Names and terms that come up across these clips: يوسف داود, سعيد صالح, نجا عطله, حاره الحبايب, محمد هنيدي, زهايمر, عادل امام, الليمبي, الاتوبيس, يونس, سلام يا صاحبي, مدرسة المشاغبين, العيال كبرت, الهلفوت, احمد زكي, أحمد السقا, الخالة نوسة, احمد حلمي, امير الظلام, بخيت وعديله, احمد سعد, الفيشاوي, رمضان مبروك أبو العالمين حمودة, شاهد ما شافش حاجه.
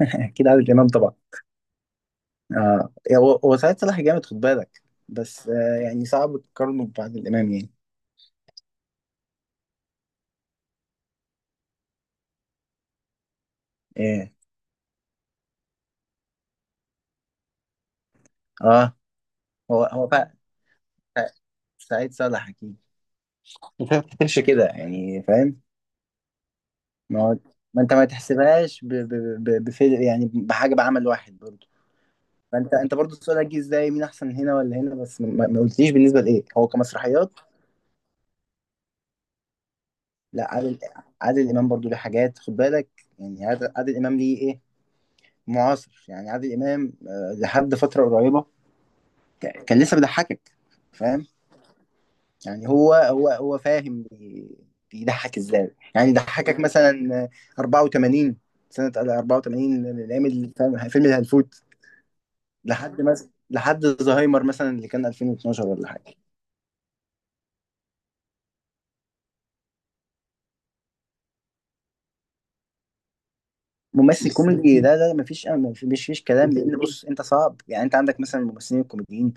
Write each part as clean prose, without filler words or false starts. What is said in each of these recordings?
اكيد عادل امام طبعا. هو سعيد صالح جامد، خد بالك. بس يعني صعب تقارنه بعادل امام يعني. ايه. اه. هو هو فا... فا- سعيد صالح اكيد. انت ما بتفتكرش كده يعني؟ فاهم. ما هو. ما انت ما تحسبهاش بفيلم، يعني بحاجه، بعمل واحد برضه. فانت برضه سؤالك جه ازاي مين احسن هنا ولا هنا، بس ما قلتليش بالنسبه لايه، هو كمسرحيات. لا، عادل امام برضه ليه حاجات، خد بالك. يعني عادل امام ليه ايه، معاصر. يعني عادل امام لحد فتره قريبه. كان لسه بيضحكك. فاهم؟ يعني هو هو هو فاهم، بيضحك ازاي يعني، ضحكك مثلا. 84. سنة 84 من ايام الفيلم، فيلم الهلفوت. لحد مثلا لحد زهايمر مثلا اللي كان 2012 ولا حاجة. ممثل كوميدي، ده مفيش كلام. لان بص انت صعب يعني، انت عندك مثلا الممثلين الكوميديين.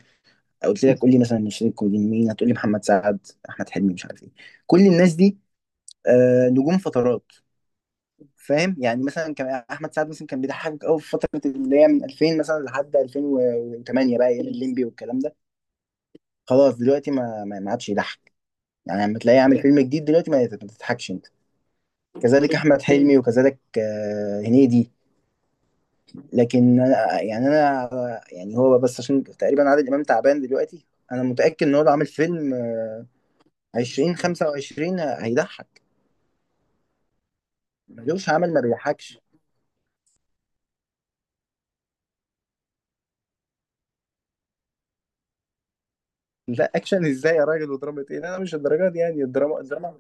او قلت لك قول لي مثلا الممثلين الكوميديين مين، هتقول لي محمد سعد، احمد حلمي، مش عارف ايه، كل الناس دي نجوم فترات. فاهم؟ يعني مثلا كان احمد سعد مثلا كان بيضحكك قوي في فتره اللي هي من 2000 مثلا لحد 2008، بقى ايام الليمبي والكلام ده. خلاص دلوقتي ما ما ما عادش يضحك. يعني لما تلاقيه عامل فيلم جديد دلوقتي ما تضحكش انت. كذلك احمد حلمي، وكذلك هنيدي. لكن انا يعني هو بس، عشان تقريبا عادل امام تعبان دلوقتي. انا متاكد ان هو لو عامل فيلم 20 25 هيضحك. ملوش عمل ما بيضحكش. لا، اكشن ازاي يا راجل، ودراما ايه؟ لا، انا مش الدرجات دي، يعني الدراما، الدراما.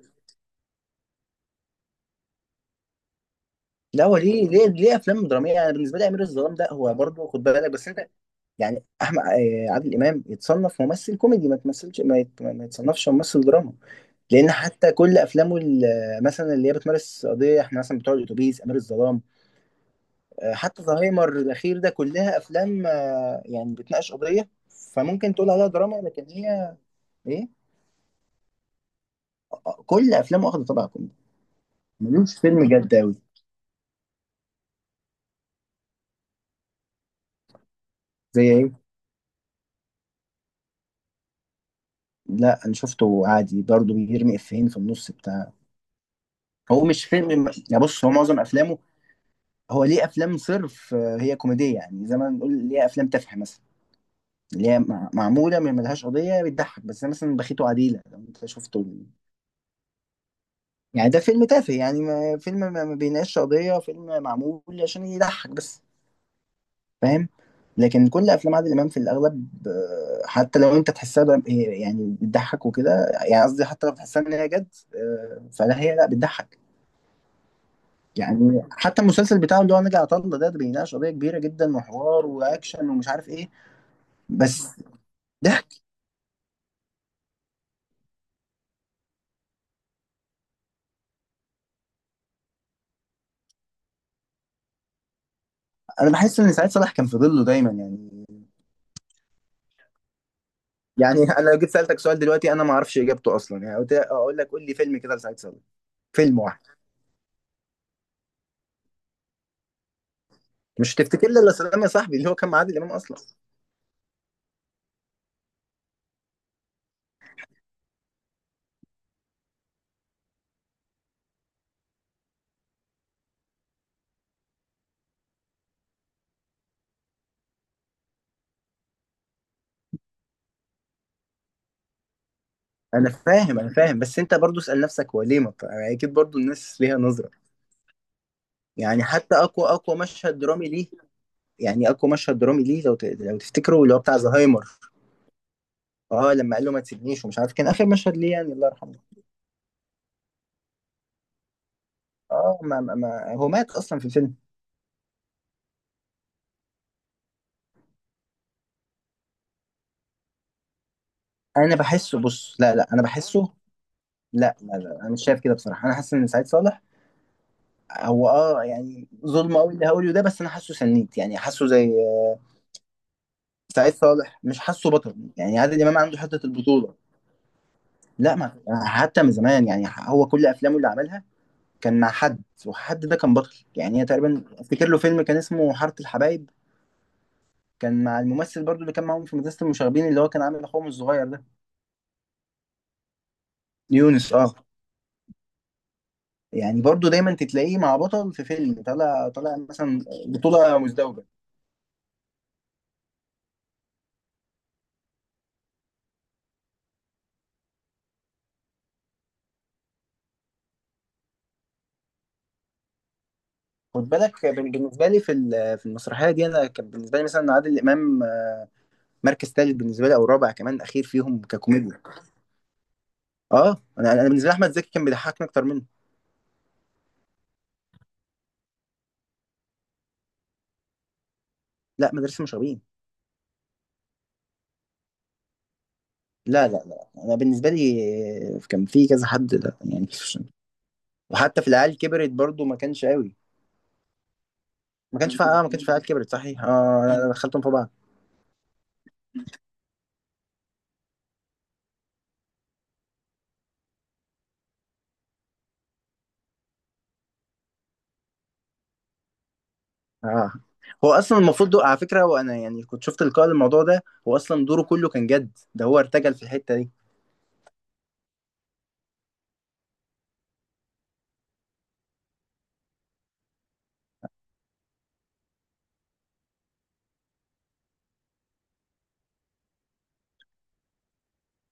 لا، هو ليه افلام دراميه، يعني بالنسبه لي امير الظلام ده هو برضه خد بالك، بس انت يعني احمد آه، عادل امام يتصنف ممثل كوميدي، ما تمثلش، ما يتصنفش ممثل دراما. لان حتى كل افلامه مثلا اللي هي بتمارس قضيه، احنا مثلا بتوع الاتوبيس، امير الظلام، حتى زهايمر الاخير ده، كلها افلام يعني بتناقش قضيه. فممكن تقول عليها دراما، لكن هي ايه، كل افلامه واخده طابع كوميدي. ملوش فيلم جد قوي. زي ايه؟ لا انا شفته عادي، برضه بيرمي افيهين في النص بتاع. هو مش فيلم، يا بص هو معظم افلامه. هو ليه افلام صرف هي كوميديه، يعني زي ما نقول ليه افلام تافهه مثلا، اللي هي معموله ما ملهاش قضيه، بتضحك بس، زي مثلا بخيت وعديله لو انت شفته. يعني ده فيلم تافه يعني، ما فيلم ما ما بيناقش قضيه، فيلم معمول عشان يضحك بس. فاهم؟ لكن كل افلام عادل امام في الاغلب حتى لو انت تحسها دراما- يعني بتضحك وكده. يعني قصدي حتى لو تحسها ان هي جد فلا هي لا بتضحك. يعني حتى المسلسل بتاعه اللي هو نجا عطله ده بيناقش قضيه كبيره جدا، وحوار واكشن ومش عارف ايه. بس ضحك. انا بحس ان سعيد صالح كان في ظله دايما يعني. يعني انا لو جيت سالتك سؤال دلوقتي انا ما اعرفش اجابته اصلا، يعني قلت اقول لك قول لي فيلم كده لسعيد صالح، فيلم واحد. مش هتفتكر لي الا سلام يا صاحبي اللي هو كان مع عادل امام اصلا. انا فاهم. بس انت برضو اسال نفسك، هو ليه ما بت- يعني اكيد برضو الناس ليها نظره. يعني حتى اقوى مشهد درامي ليه، يعني اقوى مشهد درامي ليه لو تفتكروا اللي هو بتاع زهايمر. اه لما قال له ما تسيبنيش ومش عارف، كان اخر مشهد ليه يعني، الله يرحمه. اه، ما هو مات اصلا في الفيلم. انا بحسه، بص. لا لا، انا بحسه. لا لا لا، انا مش شايف كده بصراحه، انا حاسس ان سعيد صالح هو اه يعني، ظلم قوي اللي هقوله ده، بس انا حاسه سنيد يعني، حاسه زي. سعيد صالح مش حاسه بطل، يعني عادل امام عنده حته البطوله. لا، ما حتى من زمان، يعني هو كل افلامه اللي عملها كان مع حد ده كان بطل. يعني تقريبا افتكر له فيلم كان اسمه حاره الحبايب، كان مع الممثل برضو اللي كان معاهم في مدرسة المشاغبين، اللي هو كان عامل اخوهم الصغير ده. يونس، اه. يعني برضو دايما تتلاقيه مع بطل في فيلم طالع، طالع مثلا بطولة مزدوجة. خد بالك، بالنسبة لي في المسرحية دي، انا كان بالنسبة لي مثلا عادل امام مركز ثالث بالنسبة لي، او رابع كمان، اخير فيهم ككوميديا. اه، انا بالنسبة لي احمد زكي كان بيضحكني اكتر منه. لا، مدرسة المشاغبين. لا لا لا، انا بالنسبة لي كان في كذا حد لا يعني. وحتى في العيال كبرت برضو ما كانش قوي. ما كانش فيها، آه، ما كانش فيها عيال كبرت صحيح. اه لا، لا، دخلتهم في بعض. اه. هو اصلا المفروض على فكره، وانا يعني كنت شفت لقاء الموضوع ده، هو اصلا دوره كله كان جد، ده هو ارتجل في الحته دي.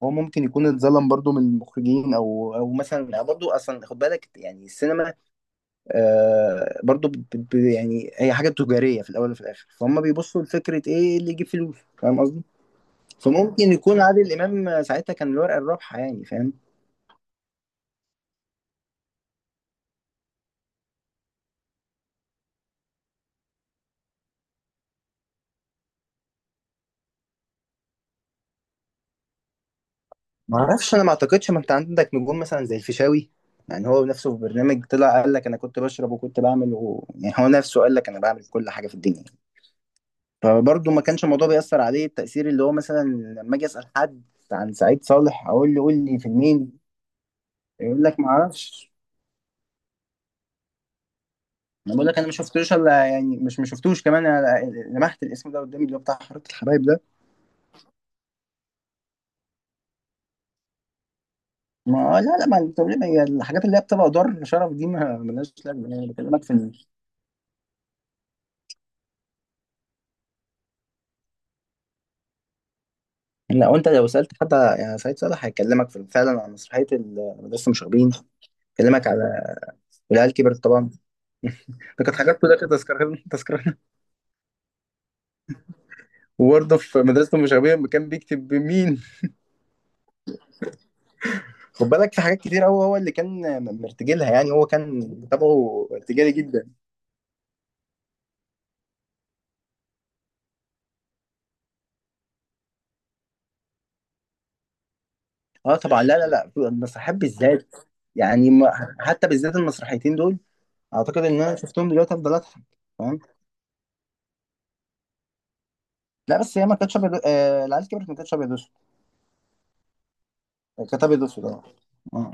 هو ممكن يكون اتظلم برضو من المخرجين او او مثلا برضو اصلا خد بالك. يعني السينما آه برضو يعني هي حاجه تجاريه في الاول وفي الاخر، فهم بيبصوا لفكره ايه اللي يجيب فلوس، فاهم قصدي. فممكن يكون عادل امام ساعتها كان الورقه الرابحه يعني، فاهم؟ ما اعرفش، انا ما اعتقدش، ما انت عندك نجوم مثلا زي الفيشاوي. يعني هو نفسه في برنامج طلع قال لك انا كنت بشرب وكنت بعمل يعني هو نفسه قال لك انا بعمل كل حاجه في الدنيا. فبرضه ما كانش الموضوع بيأثر عليه التأثير اللي هو مثلا. لما اجي اسأل حد عن سعيد صالح اقول له قول لي في مين، يقول لك ما اعرفش. انا بقول لك انا ما شفتوش، الا يعني، مش ما شفتوش كمان، أنا لمحت الاسم ده قدامي اللي هو بتاع حركه الحبايب ده. ما لا لا، ما التمرين- هي الحاجات اللي هي بتبقى دار شرف دي ما ملهاش لازمه يعني، بكلمك في. لو انت لو سالت حد، يعني سعيد صالح هيكلمك في فعلا عن مسرحيه مدرسه المشاغبين، هيكلمك على، والعيال كبرت طبعا. ده كانت حاجات كلها كانت تذكرة تذكرة. وبرضه في مدرسه المشاغبين لما كان بيكتب بمين، خد بالك في حاجات كتير قوي هو اللي كان مرتجلها، يعني هو كان طبعه ارتجالي جدا. اه طبعا، لا لا لا، المسرحيات بالذات، يعني حتى بالذات المسرحيتين دول اعتقد ان انا شفتهم دلوقتي افضل اضحك. فاهم؟ لا بس هي ما كانتش ابيض، العيال كبرت ما كانتش ابيض اسود. كانت ابيض اسود. اه.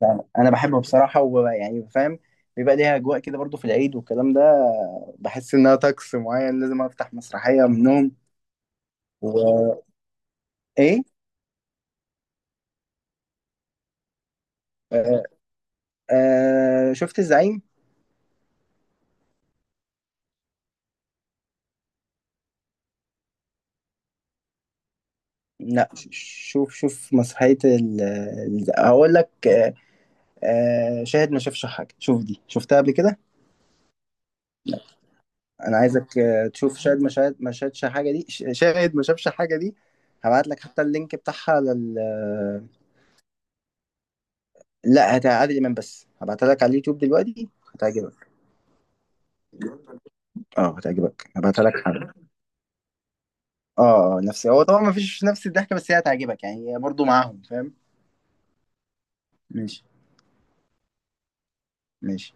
فاهم. انا بحبه بصراحه ويعني، فاهم، بيبقى ليها اجواء كده برضو في العيد والكلام ده، بحس انها طقس معين لازم افتح مسرحيه منهم. وايه؟ آه. آه شفت الزعيم. لا، شوف شوف مسرحيه هقول لك آه، آه شاهد ما شافش حاجه، شوف دي شفتها قبل كده. انا عايزك تشوف شاهد ما شاهد ما شاهدش حاجه دي ش- شاهد ما شافش حاجه دي. هبعت لك حتى اللينك بتاعها لل. لا، هت عادل امام بس، هبعتها لك على اليوتيوب دلوقتي. هتعجبك. اه هتعجبك، هبعتها لك حالا. اه نفسي. هو طبعا ما فيش نفس الضحكه، بس هي هتعجبك يعني، هي برضه معاهم، فاهم؟ ماشي. ماشي.